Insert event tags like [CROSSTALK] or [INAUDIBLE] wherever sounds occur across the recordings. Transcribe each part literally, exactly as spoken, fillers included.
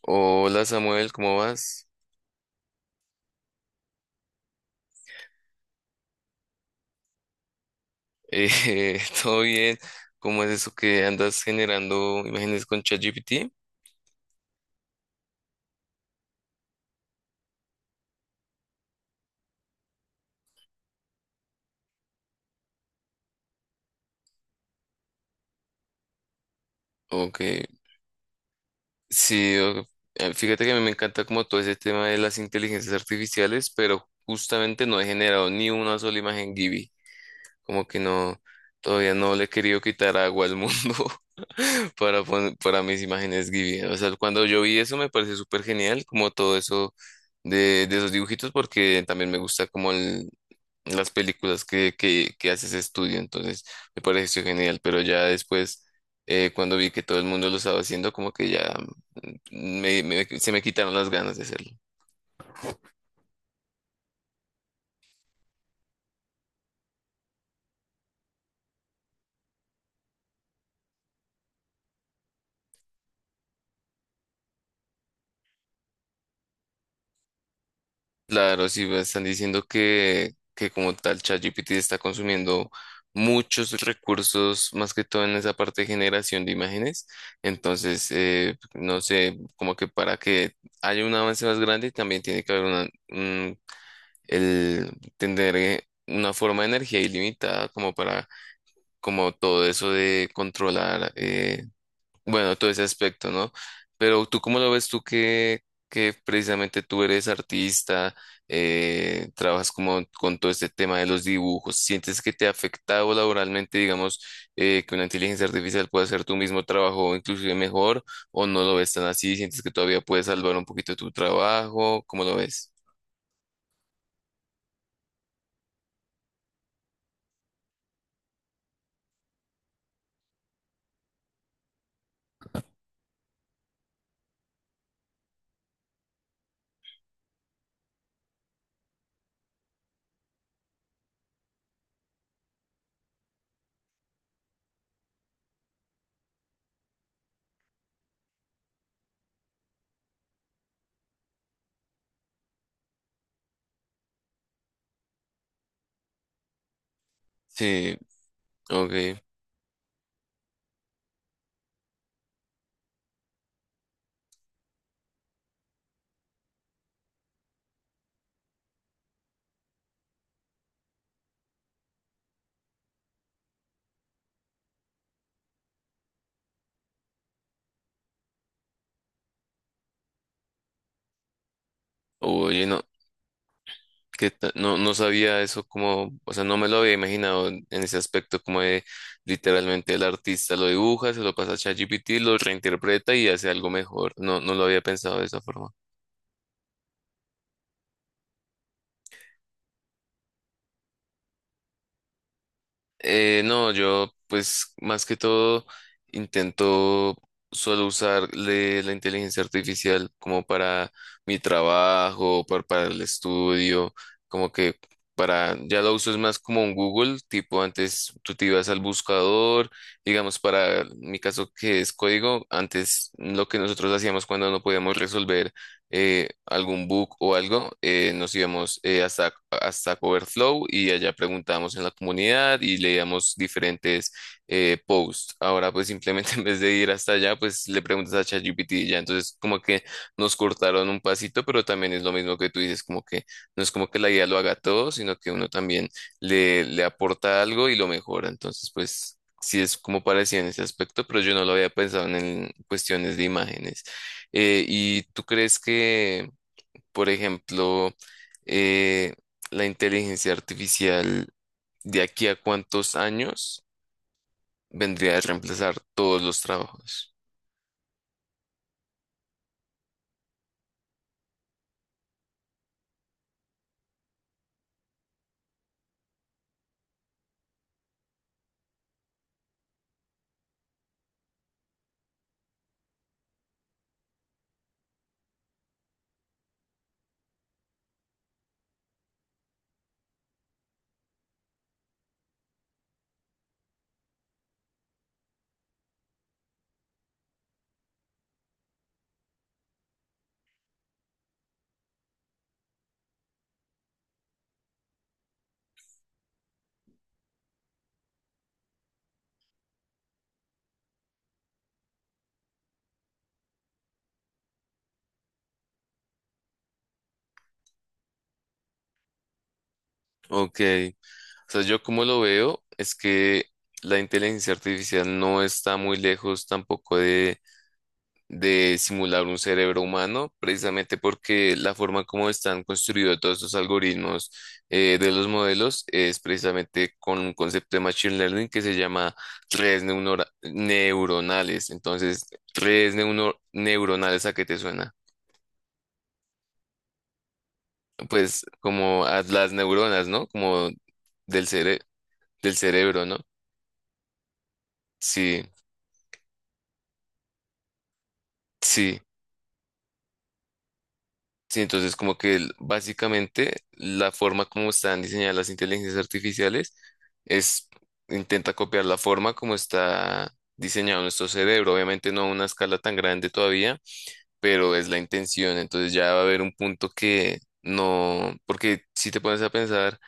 Hola Samuel, ¿cómo vas? Eh, [LAUGHS] ¿todo bien? ¿Cómo es eso que andas generando imágenes con ChatGPT? Ok, sí, o- eh, fíjate que a mí me encanta como todo ese tema de las inteligencias artificiales, pero justamente no he generado ni una sola imagen Gibi, como que no, todavía no le he querido quitar agua al mundo [LAUGHS] para, pon- para mis imágenes Gibi. O sea, cuando yo vi eso me pareció súper genial, como todo eso de, de esos dibujitos porque también me gusta como las películas que, que, que hace ese estudio, entonces me pareció genial, pero ya después, eh, cuando vi que todo el mundo lo estaba haciendo, como que ya mm, me- me- se me quitaron las ganas de hacerlo. Claro, si me están diciendo que, que como tal ChatGPT está consumiendo muchos recursos, más que todo en esa parte de generación de imágenes, entonces, eh, no sé, como que para que haya un avance más grande, también tiene que haber una- el tener eh, una forma de energía ilimitada como para, como todo eso de controlar, eh, bueno, todo ese aspecto, ¿no? Pero tú, ¿cómo lo ves tú que, que precisamente tú eres artista, eh, trabajas como con todo este tema de los dibujos? ¿Sientes que te ha afectado laboralmente, digamos, eh, que una inteligencia artificial pueda hacer tu mismo trabajo inclusive mejor o no lo ves tan así? ¿Sientes que todavía puedes salvar un poquito tu trabajo? ¿Cómo lo ves? Sí, ok. Oye, no, que ta- no, no sabía eso como, o sea, no me lo había imaginado en en ese aspecto como de literalmente el artista lo dibuja, se lo pasa a ChatGPT, lo reinterpreta y hace algo mejor. No, no lo había pensado de esa forma. Eh, no, yo pues más que todo intento solo usar le- la inteligencia artificial como para mi trabajo, par- para, el estudio, como que para, ya lo uso es más como un Google, tipo antes tú te ibas al buscador, digamos para mi caso que es código, antes lo que nosotros hacíamos cuando no podíamos resolver eh, algún book o algo, eh, nos íbamos eh, hasta, hasta Coverflow y allá preguntábamos en la comunidad y leíamos diferentes eh, posts. Ahora pues simplemente [LAUGHS] en vez de ir hasta allá, pues le preguntas a ChatGPT y ya. Entonces como que nos cortaron un pasito, pero también es lo mismo que tú dices, como que no es como que la guía lo haga todo, sino que uno también le, le aporta algo y lo mejora. Entonces pues... Sí, es como parecía en ese aspecto, pero yo no lo había pensado en en cuestiones de imágenes. Eh, ¿y tú crees que, por ejemplo, eh, la inteligencia artificial de aquí a cuántos años vendría a reemplazar todos los trabajos? Ok, o sea, yo como lo veo es que la inteligencia artificial no está muy lejos tampoco de simular un cerebro humano, precisamente porque la forma como están construidos todos estos algoritmos eh, de los modelos es precisamente con un concepto de Machine Learning que se llama redes neunora- neuronales. Entonces, redes neuno- neuronales, ¿a qué te suena? Pues como a las neuronas, ¿no? Como del cere- del cerebro, ¿no? Sí, sí. Sí, entonces como que el- básicamente la forma como están diseñadas las inteligencias artificiales es intenta copiar la forma como está diseñado nuestro cerebro, obviamente no a una escala tan grande todavía, pero es la intención, entonces ya va a haber un punto que no, porque si te pones a pensar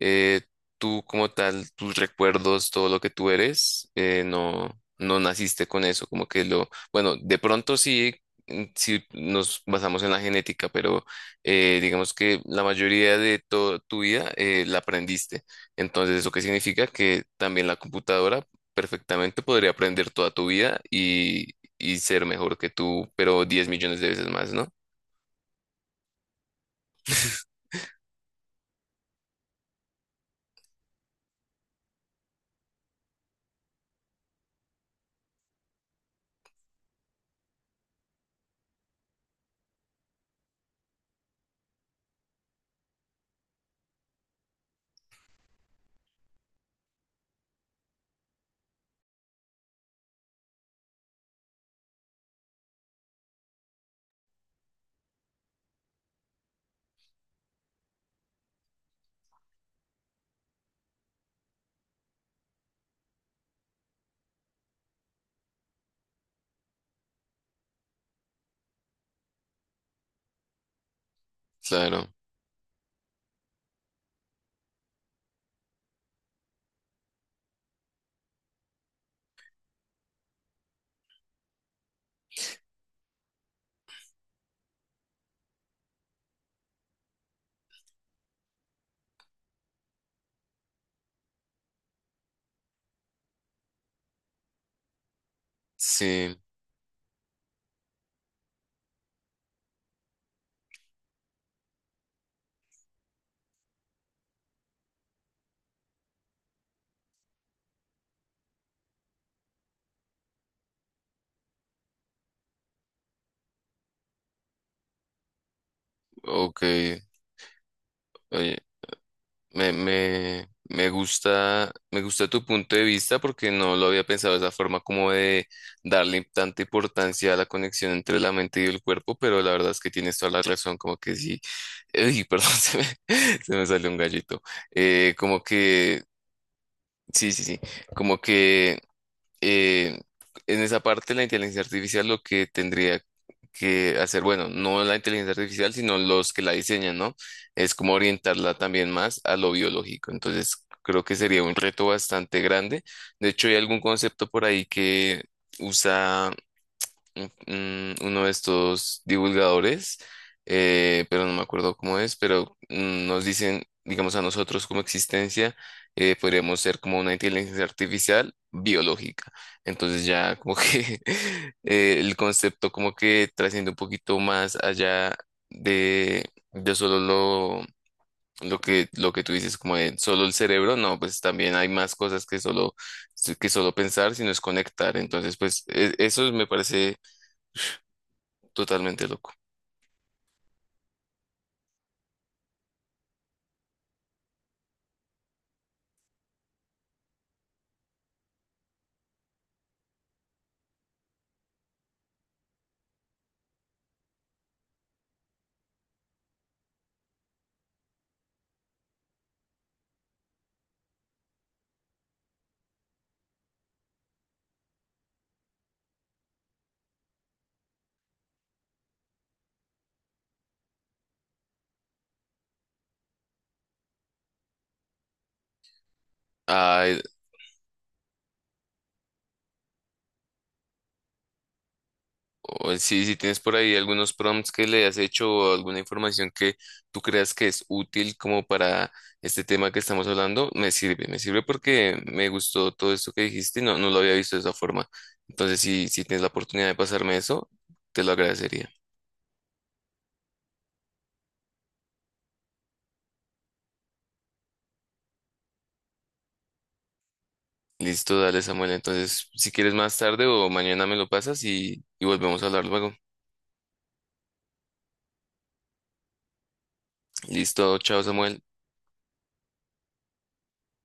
eh, tú como tal, tus recuerdos, todo lo que tú eres, eh, no, no naciste con eso, como que lo, bueno, de pronto sí, mm, sí nos basamos en la genética, pero eh, digamos que la mayoría de toda tu vida eh, la aprendiste. Entonces, ¿eso qué significa? Que también la computadora perfectamente podría aprender toda tu vida y, y ser mejor que tú, pero diez millones de veces más, ¿no? Claro, sí, ok. Oye, Me, me, me gusta, me gusta tu punto de vista porque no lo había pensado de esa forma como de darle tanta importancia a la conexión entre la mente y el cuerpo, pero la verdad es que tienes toda la razón, como que sí, uy, perdón, [LAUGHS] se me, se me salió un gallito. Eh, como que, sí, sí, sí, como que eh, en esa parte la inteligencia artificial lo que tendría que hacer, bueno, no la inteligencia artificial, sino los que la diseñan, ¿no? Es como orientarla también más a lo biológico. Entonces, creo que sería un reto bastante grande. De hecho, hay algún concepto por ahí que usa un- uno de estos divulgadores, eh, pero no me acuerdo cómo es, pero mm, nos dicen, digamos, a nosotros como existencia, eh, podríamos ser como una inteligencia artificial biológica. Entonces ya como que [LAUGHS] eh, el concepto como que trasciende un poquito más allá de, de solo lo... Lo que, lo que tú dices, como de solo el cerebro, no, pues también hay más cosas que solo, que solo pensar, sino es conectar. Entonces, pues e- eso me parece totalmente loco. Ah, eh, o si, si tienes por ahí algunos prompts que le has hecho o alguna información que tú creas que es útil como para este tema que estamos hablando, me sirve, me sirve porque me gustó todo esto que dijiste y no, no lo había visto de esa forma. Entonces, si, si tienes la oportunidad de pasarme eso, te lo agradecería. Listo, dale, Samuel. Entonces, si quieres más tarde o mañana me lo pasas y, y volvemos a hablar luego. Listo, chao, Samuel.